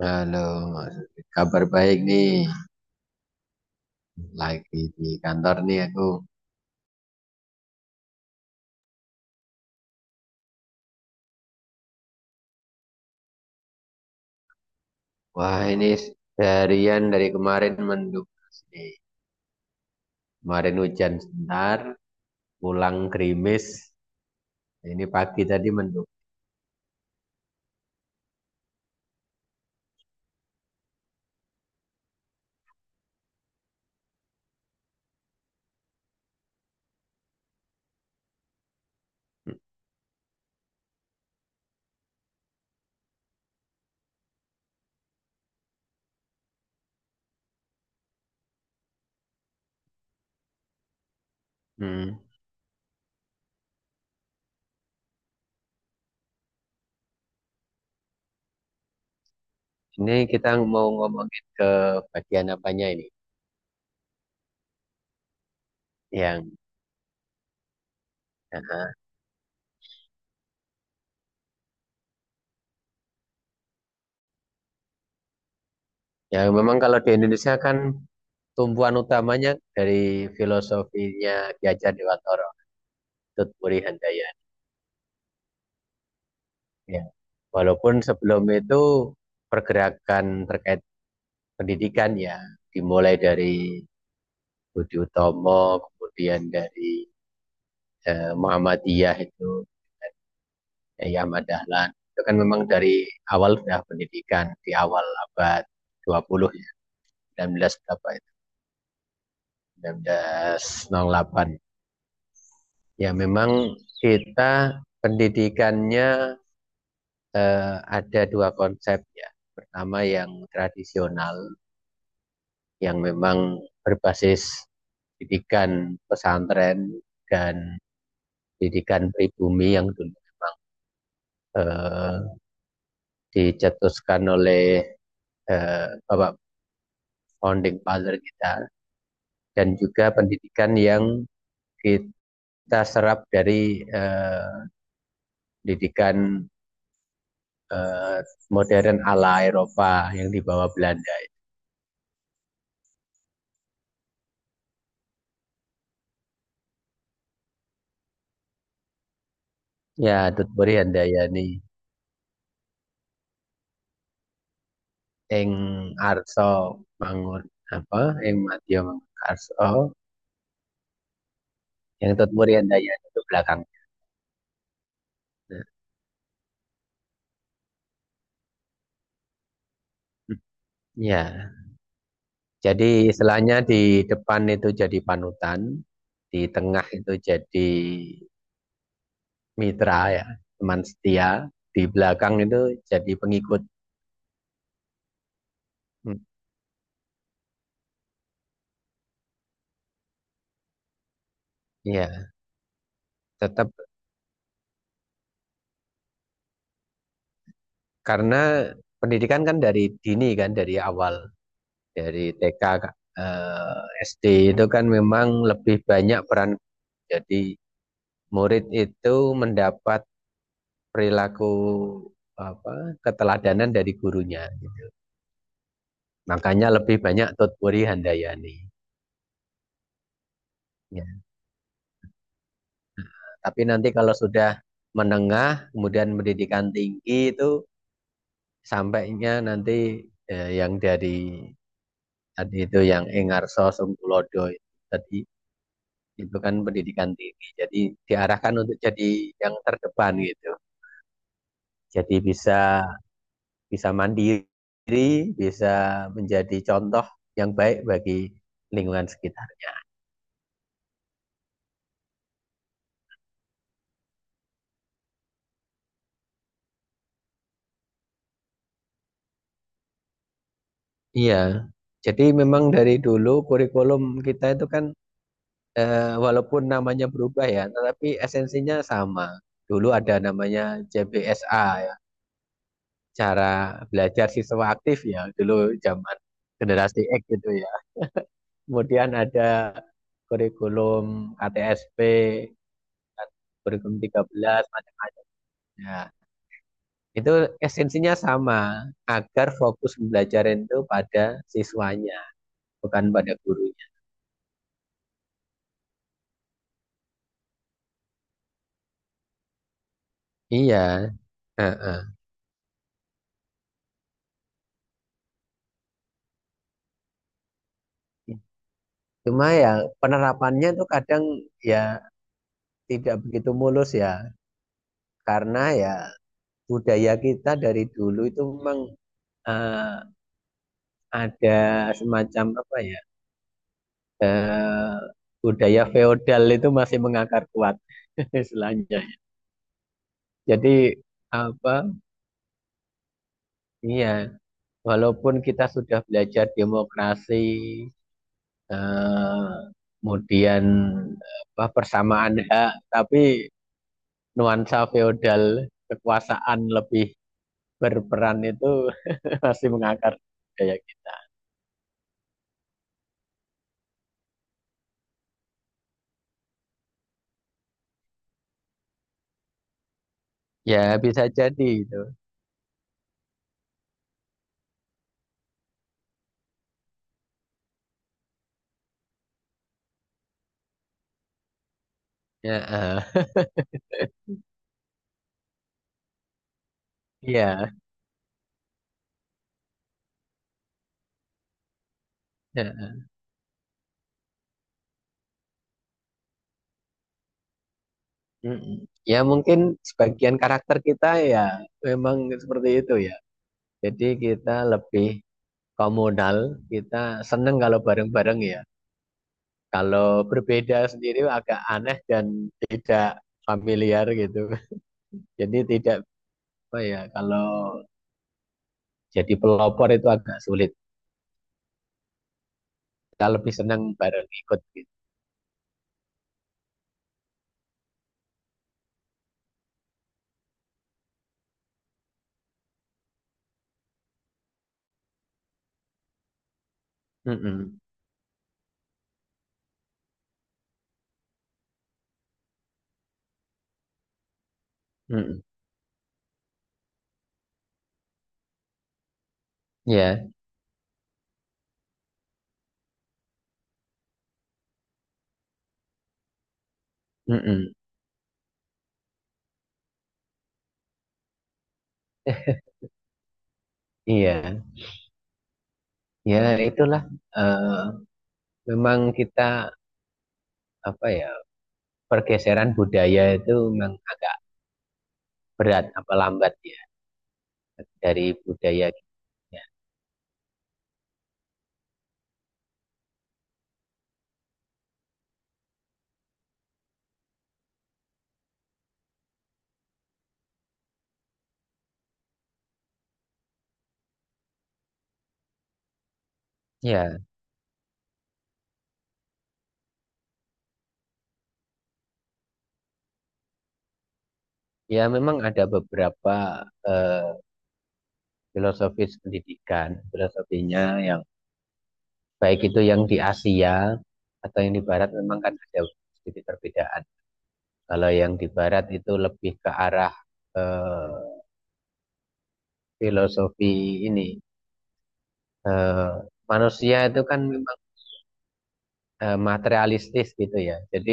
Halo, Mas. Kabar baik nih. Lagi di kantor nih aku. Wah, ini seharian dari kemarin mendung nih. Kemarin hujan sebentar, pulang gerimis. Ini pagi tadi mendung. Hmm. Ini kita mau ngomongin ke bagian apanya ini? Yang Aha. Yang memang kalau di Indonesia kan tumpuan utamanya dari filosofinya Ki Hajar Dewantara, Tut Muri Handayani. Ya, walaupun sebelum itu pergerakan terkait pendidikan ya dimulai dari Budi Utomo, kemudian dari Muhammadiyah itu Yai Ahmad Dahlan. Itu kan memang dari awal sudah pendidikan di awal abad 20 ya, 19 berapa itu? 1908. Ya memang kita pendidikannya ada dua konsep ya. Pertama yang tradisional yang memang berbasis pendidikan pesantren dan pendidikan pribumi yang dulu memang eh, dicetuskan oleh Bapak Founding Father kita dan juga pendidikan yang kita serap dari pendidikan eh, modern ala Eropa yang dibawa Belanda. Ya, Tutburi Handayani ing arsa mangun apa ing madya mangun arsa yang tutmur yang daya itu belakang. Nah, hmm, ya, jadi istilahnya di depan itu jadi panutan, di tengah itu jadi mitra ya, teman setia, di belakang itu jadi pengikut. Hmm. Ya, tetap karena pendidikan kan dari dini kan dari awal, dari TK eh, SD itu kan memang lebih banyak peran jadi murid itu mendapat perilaku apa keteladanan dari gurunya gitu. Makanya lebih banyak Tutpuri Handayani. Ya. Tapi nanti kalau sudah menengah kemudian pendidikan tinggi itu sampainya nanti yang dari tadi itu yang Engarso Sungkulodo tadi itu kan pendidikan tinggi. Jadi diarahkan untuk jadi yang terdepan gitu. Jadi bisa bisa mandiri, bisa menjadi contoh yang baik bagi lingkungan sekitar. Iya, jadi memang dari dulu kurikulum kita itu kan walaupun namanya berubah ya, tetapi esensinya sama. Dulu ada namanya JBSA ya, cara belajar siswa aktif ya, dulu zaman generasi X gitu ya. Kemudian ada kurikulum KTSP, kan, kurikulum 13, macam-macam. Nah, itu esensinya sama, agar fokus belajar itu pada siswanya, bukan pada gurunya. Iya. Heeh. Cuma ya penerapannya tuh kadang ya tidak begitu mulus ya, karena ya budaya kita dari dulu itu memang eh, ada semacam apa ya eh, budaya feodal itu masih mengakar kuat istilahnya. Jadi apa iya walaupun kita sudah belajar demokrasi eh, kemudian apa persamaan hak, tapi nuansa feodal kekuasaan lebih berperan itu masih mengakar kayak gitu. Ya bisa jadi itu. Ya, iya. Ya, Ya mungkin sebagian karakter kita ya memang seperti itu ya. Jadi kita lebih komunal, kita seneng kalau bareng-bareng ya. Kalau berbeda sendiri agak aneh dan tidak familiar gitu. Jadi tidak apa ya kalau jadi pelopor itu agak sulit. Kita lebih senang bareng ikut gitu. Mm-mm. Mm-mm. Ya. Mm-mm. Iya, ya itulah. Eh, Memang kita apa ya pergeseran budaya itu memang agak berat apa lambat ya dari budaya kita. Ya, ya memang ada beberapa eh, filosofis pendidikan filosofinya yang baik itu yang di Asia atau yang di Barat memang kan ada sedikit perbedaan. Kalau yang di Barat itu lebih ke arah eh, filosofi ini eh, manusia itu kan memang materialistis gitu ya. Jadi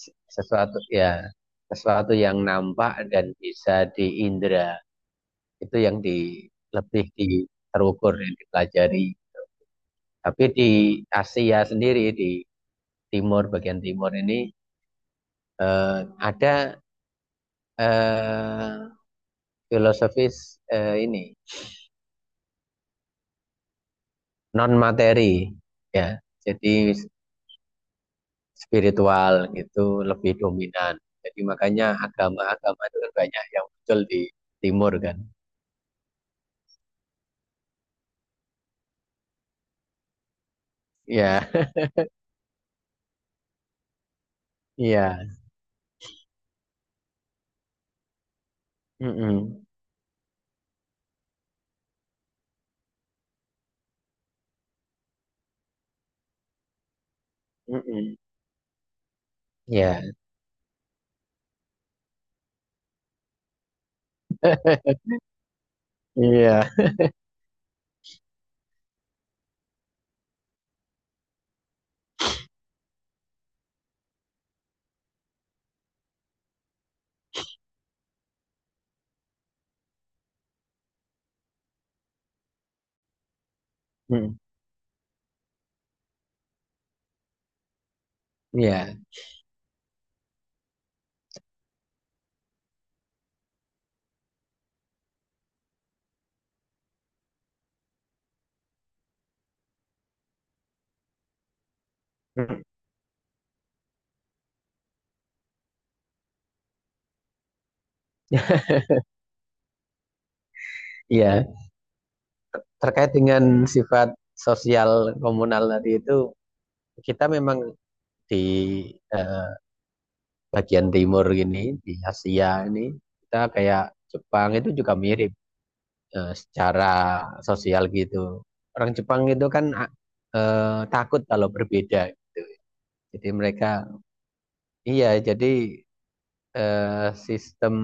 sesuatu ya sesuatu yang nampak dan bisa diindra itu yang di lebih terukur yang dipelajari. Tapi di Asia sendiri di timur bagian timur ini ada eh, filosofis ini non materi ya. Jadi spiritual gitu lebih dominan. Jadi makanya agama-agama itu kan banyak yang muncul di timur kan. Iya, iya. Mm-mm. Mm-mm. Iya, iya. Mm. Iya. Mm. Iya. Terkait dengan sifat sosial komunal tadi itu, kita memang di eh, bagian timur gini, di Asia ini, kita kayak Jepang itu juga mirip. Secara sosial gitu. Orang Jepang itu kan takut kalau berbeda gitu. Jadi mereka iya jadi sistem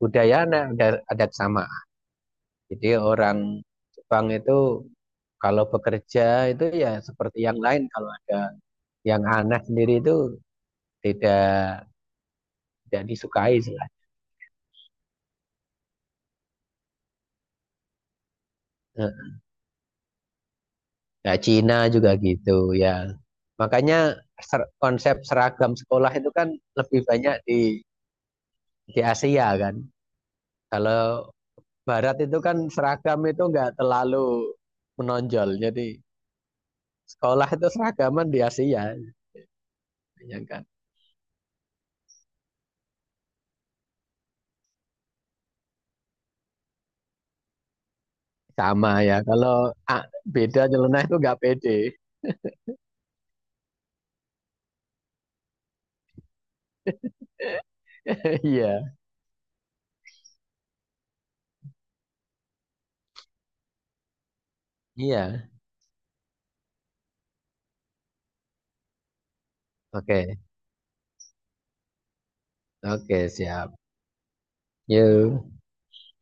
budaya ada ada kesamaan. Jadi orang Jepang itu kalau bekerja itu ya seperti yang lain kalau ada yang aneh sendiri itu tidak tidak disukai sih. Eh, Ya, Cina juga gitu ya. Makanya konsep seragam sekolah itu kan lebih banyak di Asia kan. Kalau Barat itu kan seragam itu nggak terlalu menonjol. Jadi sekolah itu seragaman di Asia, ya kan. Sama ya. Kalau ah, beda nyeleneh itu nggak pede. Iya, iya. Oke, oke siap. Yuk.